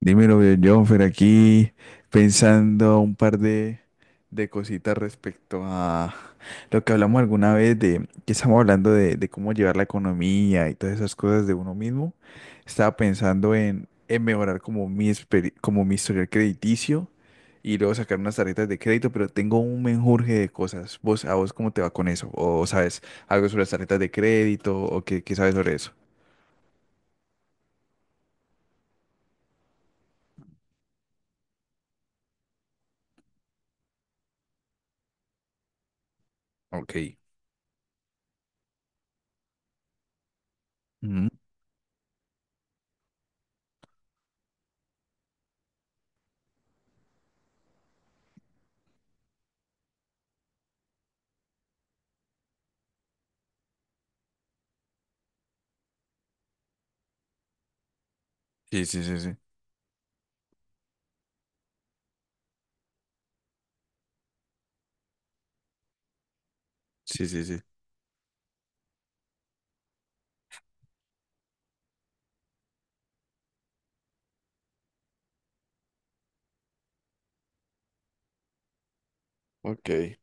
Dímelo, Jonfer, aquí pensando un par de cositas respecto a lo que hablamos alguna vez de que estamos hablando de cómo llevar la economía y todas esas cosas de uno mismo. Estaba pensando en mejorar como mi historial crediticio y luego sacar unas tarjetas de crédito, pero tengo un menjurje de cosas. ¿A vos cómo te va con eso? ¿O sabes algo sobre las tarjetas de crédito o qué sabes sobre eso? Ok. Ujú. Sí, sí, sí, sí. Sí, sí, sí. Ok.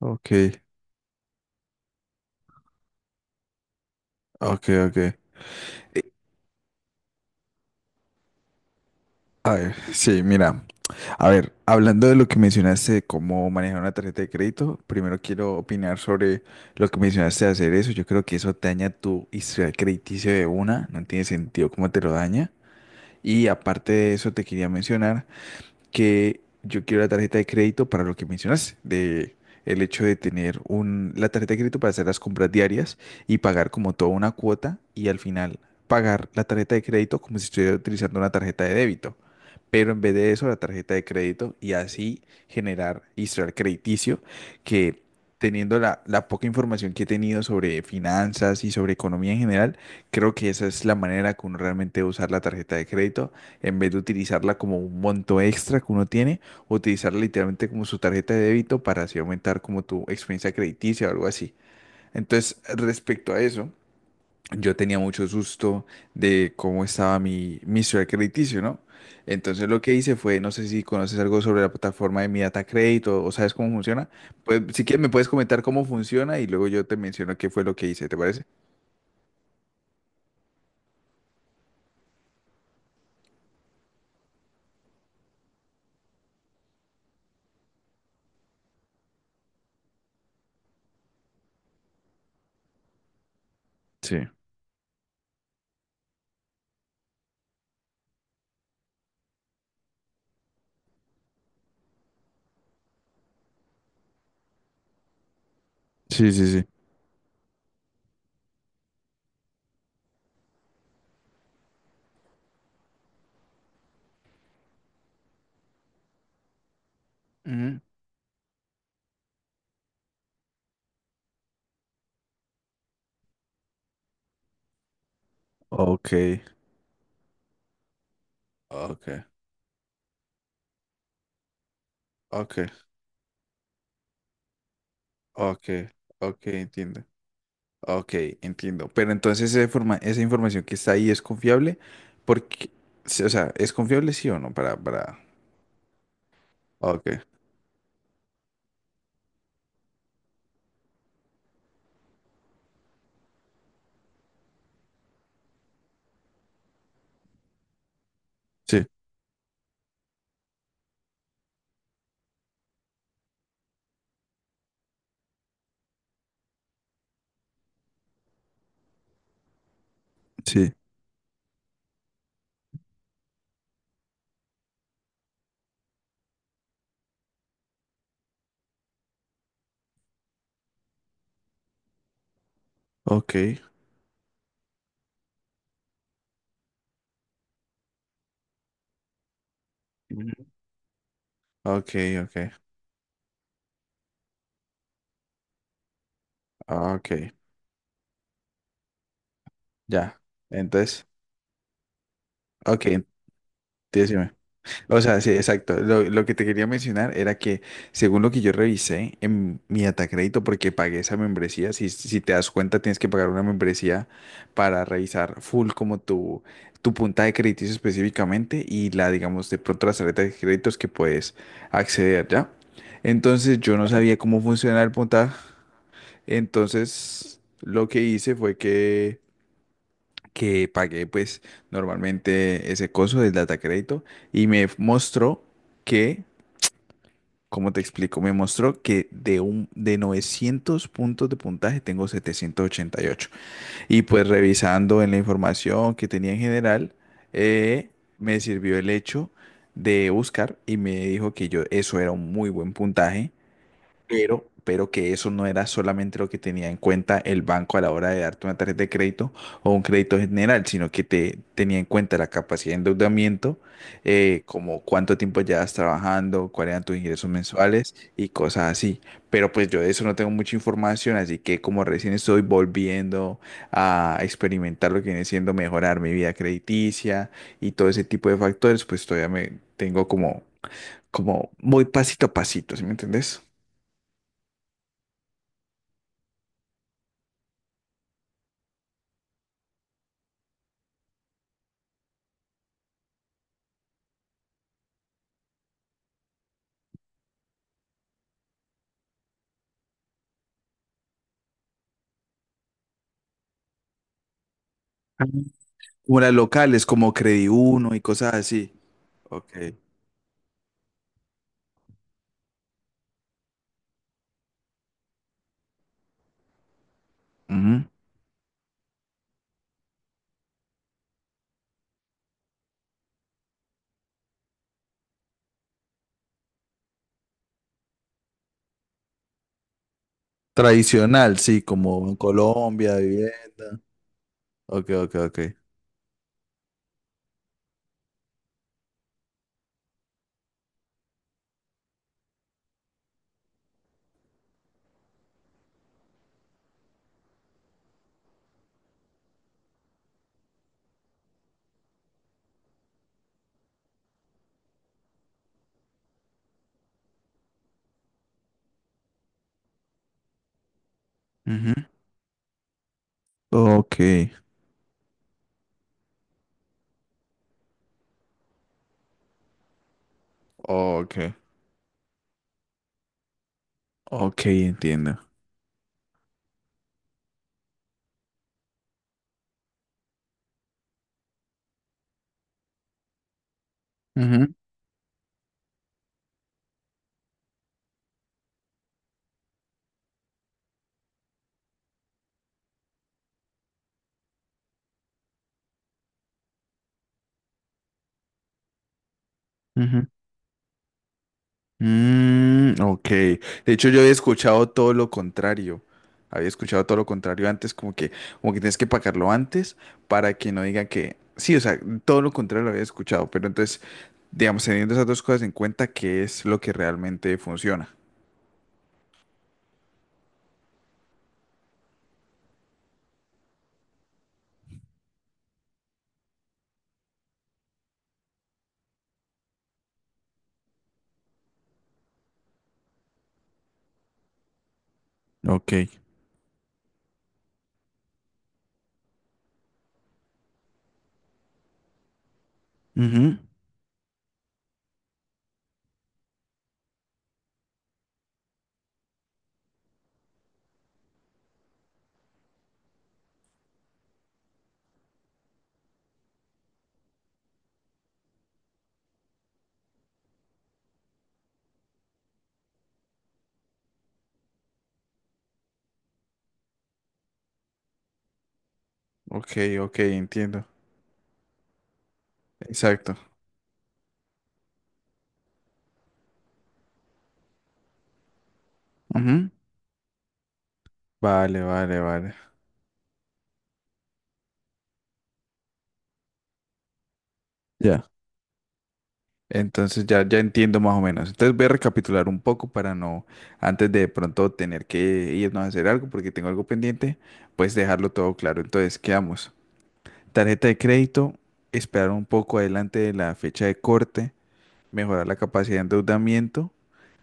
Ok, ok, ok. Eh, A ver, sí, mira, a ver, hablando de lo que mencionaste de cómo manejar una tarjeta de crédito, primero quiero opinar sobre lo que mencionaste de hacer eso. Yo creo que eso daña tu historial crediticio de una, no tiene sentido cómo te lo daña. Y aparte de eso, te quería mencionar que yo quiero la tarjeta de crédito para lo que mencionaste, de el hecho de tener la tarjeta de crédito para hacer las compras diarias y pagar como toda una cuota y al final pagar la tarjeta de crédito como si estuviera utilizando una tarjeta de débito. Pero en vez de eso, la tarjeta de crédito y así generar historial crediticio que teniendo la poca información que he tenido sobre finanzas y sobre economía en general, creo que esa es la manera que uno realmente debe usar la tarjeta de crédito en vez de utilizarla como un monto extra que uno tiene, utilizarla literalmente como su tarjeta de débito para así aumentar como tu experiencia crediticia o algo así. Entonces, respecto a eso, yo tenía mucho susto de cómo estaba mi historial crediticio, ¿no? Entonces lo que hice fue, no sé si conoces algo sobre la plataforma de mi data Credit o sabes cómo funciona. Pues si quieres me puedes comentar cómo funciona y luego yo te menciono qué fue lo que hice, ¿te parece? Sí, sí, sí, sí. Ujú. Ok, ok, ok. Ok, ok, entiendo. Ok, entiendo. Pero entonces esa información que está ahí es confiable porque, sí, o sea, ¿es confiable sí o no? Para. Ok, sí, sí, ok. Ujú. Ok, ok, ok, ya. Entonces, ok, decime. O sea, sí, exacto. Lo que te quería mencionar era que, según lo que yo revisé en mi Atacrédito, porque pagué esa membresía, si te das cuenta, tienes que pagar una membresía para revisar full como tu punta de créditos específicamente y la, digamos, de pronto las tarjetas de créditos que puedes acceder, ¿ya? Entonces, yo no sabía cómo funcionaba el puntaje. Entonces, lo que hice fue que pagué pues normalmente ese coso del data crédito y me mostró que, como te explico, me mostró que de un de 900 puntos de puntaje tengo 788 y ocho. Y pues revisando en la información que tenía en general eh, me sirvió el hecho de buscar y me dijo que yo eso era un muy buen puntaje pero que eso no era solamente lo que tenía en cuenta el banco a la hora de darte una tarjeta de crédito o un crédito general, sino que te tenía en cuenta la capacidad de endeudamiento, como cuánto tiempo llevas trabajando, cuáles eran tus ingresos mensuales y cosas así. Pero pues yo de eso no tengo mucha información, así que como recién estoy volviendo a experimentar lo que viene siendo mejorar mi vida crediticia y todo ese tipo de factores, pues todavía me tengo como muy pasito a pasito, ¿sí me entendés? Como las locales, como Crediuno y cosas así. Ok. Ujú. Tradicional, sí, como en Colombia, vivienda. Ok, ok, ok. Ujú. Ok, ok, ok, entiendo. Ujú, ujú. Mm, ok. De hecho, yo había escuchado todo lo contrario. Había escuchado todo lo contrario antes, como que tienes que pagarlo antes para que no digan que. Sí, o sea, todo lo contrario lo había escuchado. Pero entonces, digamos, teniendo esas dos cosas en cuenta, ¿qué es lo que realmente funciona? Ok. Ujú. Ok, ok, entiendo. Exacto. Ujú. Vale, vale, vale. Ya. Entonces ya entiendo más o menos. Entonces voy a recapitular un poco para no, antes de pronto tener que irnos a hacer algo porque tengo algo pendiente, pues dejarlo todo claro. Entonces, quedamos. Tarjeta de crédito, esperar un poco adelante de la fecha de corte mejorar la capacidad de endeudamiento,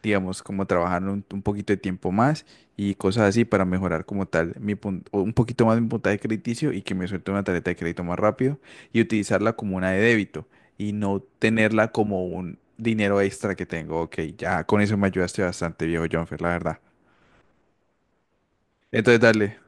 digamos, como trabajar un poquito de tiempo más y cosas así para mejorar como tal o un poquito más mi puntaje crediticio y que me suelte una tarjeta de crédito más rápido y utilizarla como una de débito y no tenerla como un dinero extra que tengo. Ok, ya con eso me ayudaste bastante, viejo Jonfer, la verdad. Entonces, dale.